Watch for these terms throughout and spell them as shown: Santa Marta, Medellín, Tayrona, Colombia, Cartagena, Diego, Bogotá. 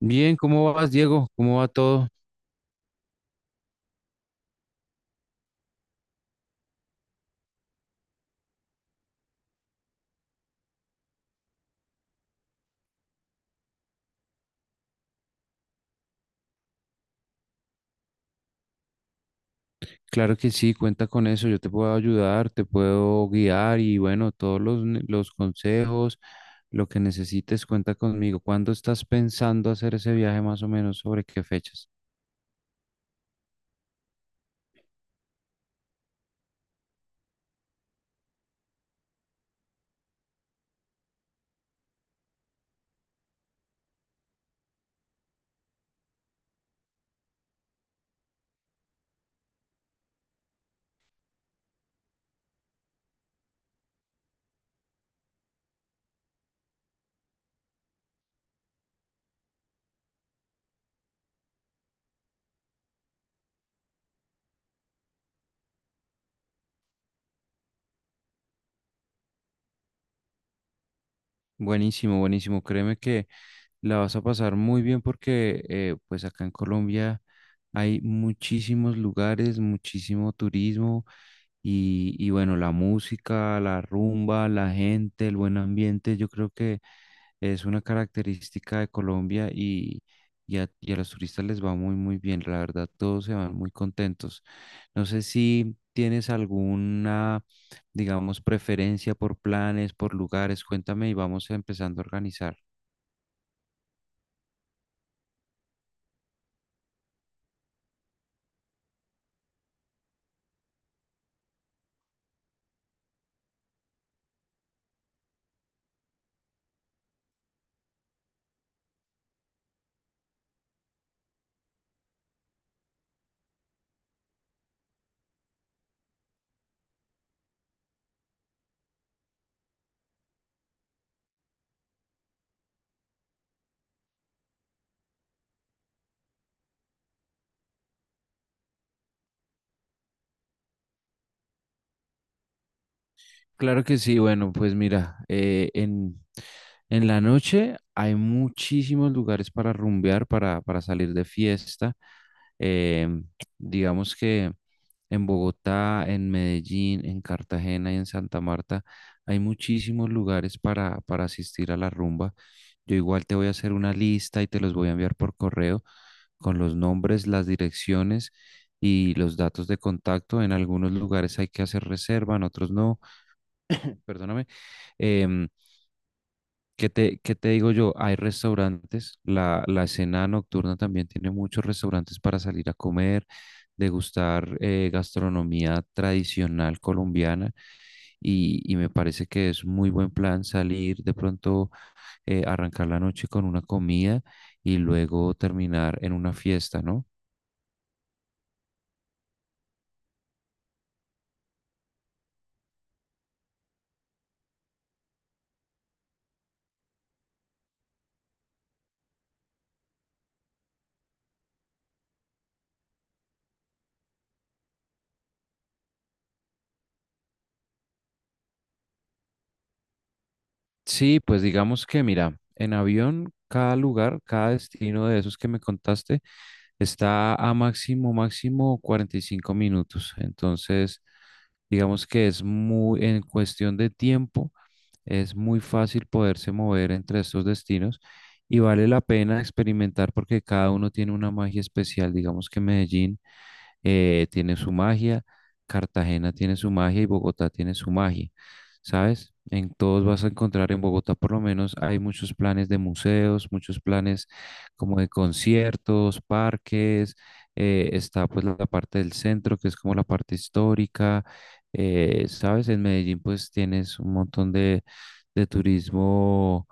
Bien, ¿cómo vas, Diego? ¿Cómo va todo? Claro que sí, cuenta con eso. Yo te puedo ayudar, te puedo guiar y bueno, los consejos, lo que necesites, cuenta conmigo. ¿Cuándo estás pensando hacer ese viaje más o menos? ¿Sobre qué fechas? Buenísimo, buenísimo. Créeme que la vas a pasar muy bien porque pues acá en Colombia hay muchísimos lugares, muchísimo turismo y bueno, la música, la rumba, la gente, el buen ambiente, yo creo que es una característica de Colombia, y a los turistas les va muy, muy bien. La verdad, todos se van muy contentos. No sé si tienes alguna, digamos, preferencia por planes, por lugares. Cuéntame y vamos empezando a organizar. Claro que sí, bueno, pues mira, en la noche hay muchísimos lugares para rumbear, para salir de fiesta. Em, digamos que en Bogotá, en Medellín, en Cartagena y en Santa Marta hay muchísimos lugares para asistir a la rumba. Yo igual te voy a hacer una lista y te los voy a enviar por correo con los nombres, las direcciones y los datos de contacto. En algunos lugares hay que hacer reserva, en otros no. Perdóname. Em, qué te digo yo? Hay restaurantes, la escena nocturna también tiene muchos restaurantes para salir a comer, degustar gastronomía tradicional colombiana y me parece que es muy buen plan salir de pronto, arrancar la noche con una comida y luego terminar en una fiesta, ¿no? Sí, pues digamos que mira, en avión cada lugar, cada destino de esos que me contaste está a máximo, máximo 45 minutos. Entonces, digamos que es muy, en cuestión de tiempo, es muy fácil poderse mover entre estos destinos y vale la pena experimentar porque cada uno tiene una magia especial. Digamos que Medellín tiene su magia, Cartagena tiene su magia y Bogotá tiene su magia, ¿sabes? En todos vas a encontrar, en Bogotá, por lo menos, hay muchos planes de museos, muchos planes como de conciertos, parques, está pues la parte del centro, que es como la parte histórica, ¿sabes? En Medellín pues tienes un montón de turismo,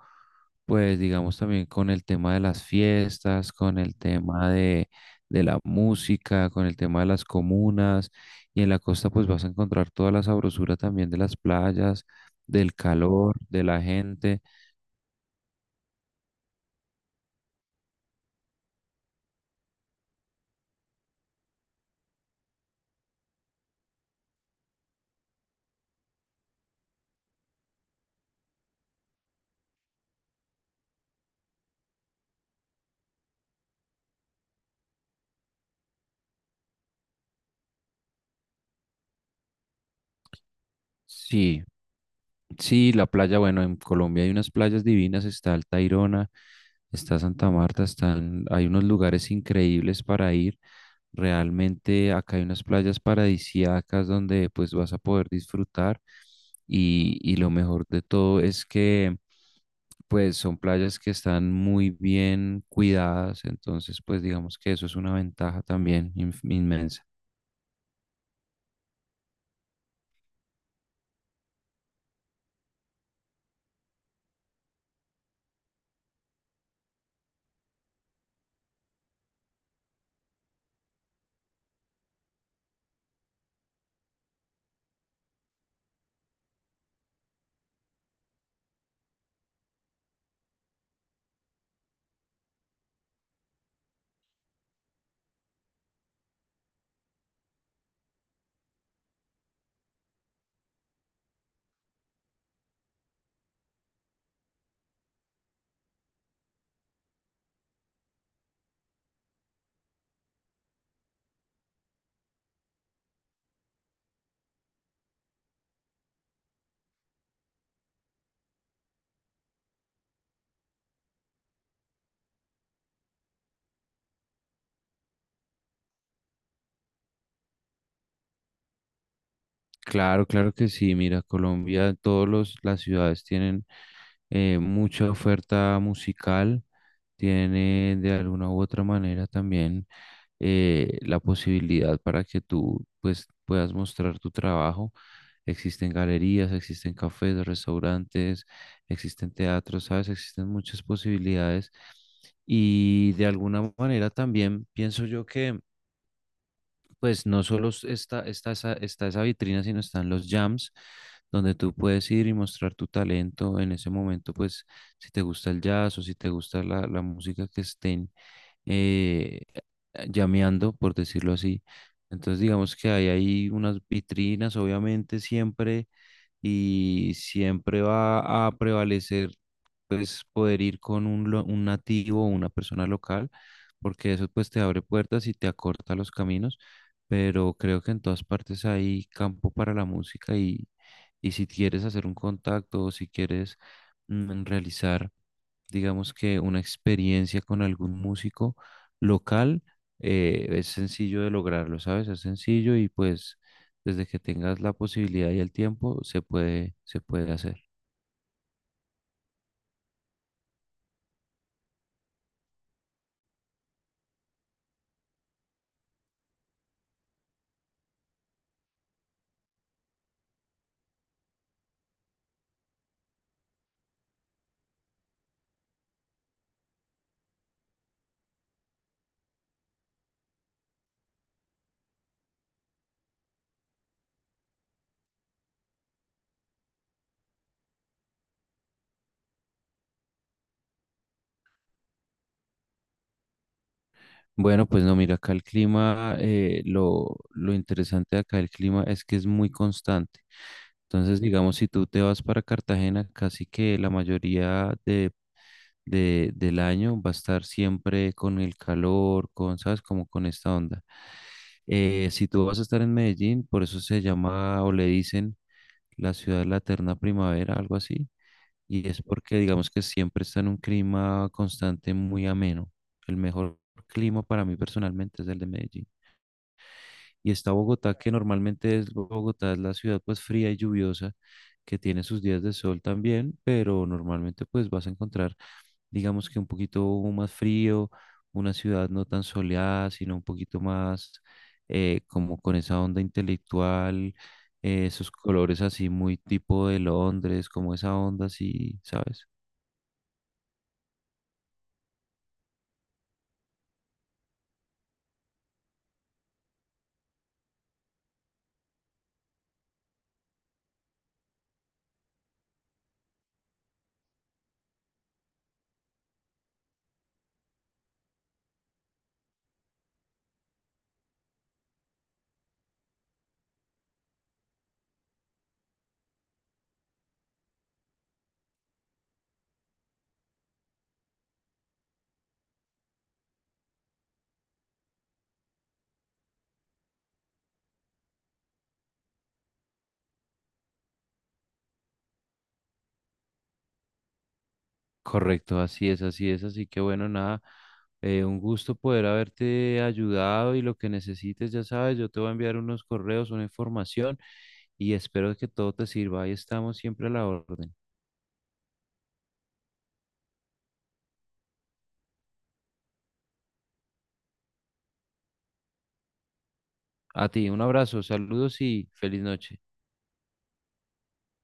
pues digamos también con el tema de las fiestas, con el tema de la música, con el tema de las comunas, y en la costa pues vas a encontrar toda la sabrosura también de las playas, del calor, de la gente. Sí, sí, la playa, bueno, en Colombia hay unas playas divinas, está el Tayrona, está Santa Marta, están, hay unos lugares increíbles para ir. Realmente acá hay unas playas paradisíacas donde pues vas a poder disfrutar y lo mejor de todo es que pues son playas que están muy bien cuidadas, entonces pues digamos que eso es una ventaja también inmensa. Claro, claro que sí. Mira, Colombia, todos los las ciudades tienen mucha oferta musical, tiene de alguna u otra manera también la posibilidad para que tú pues puedas mostrar tu trabajo. Existen galerías, existen cafés, restaurantes, existen teatros, ¿sabes? Existen muchas posibilidades. Y de alguna manera también pienso yo que pues no solo está esa vitrina, sino están los jams, donde tú puedes ir y mostrar tu talento en ese momento, pues si te gusta el jazz o si te gusta la música que estén llameando, por decirlo así. Entonces digamos que hay ahí unas vitrinas, obviamente siempre y siempre va a prevalecer pues poder ir con un nativo o una persona local, porque eso pues te abre puertas y te acorta los caminos, pero creo que en todas partes hay campo para la música y si quieres hacer un contacto o si quieres realizar digamos que una experiencia con algún músico local, es sencillo de lograrlo, ¿sabes? Es sencillo y pues desde que tengas la posibilidad y el tiempo se puede hacer. Bueno, pues no, mira, acá el clima, lo interesante de acá el clima es que es muy constante. Entonces, digamos, si tú te vas para Cartagena, casi que la mayoría de, del año va a estar siempre con el calor, con, ¿sabes? Como con esta onda. Si tú vas a estar en Medellín, por eso se llama o le dicen la ciudad de la eterna primavera, algo así. Y es porque digamos que siempre está en un clima constante muy ameno. El mejor clima para mí personalmente es el de Medellín. Y está Bogotá, que normalmente es Bogotá, es la ciudad pues fría y lluviosa, que tiene sus días de sol también, pero normalmente pues vas a encontrar digamos que un poquito más frío, una ciudad no tan soleada, sino un poquito más como con esa onda intelectual, esos colores así muy tipo de Londres, como esa onda así, ¿sabes? Correcto, así es, así es, así que bueno, nada, un gusto poder haberte ayudado y lo que necesites, ya sabes, yo te voy a enviar unos correos, una información y espero que todo te sirva. Ahí estamos siempre a la orden. A ti, un abrazo, saludos y feliz noche.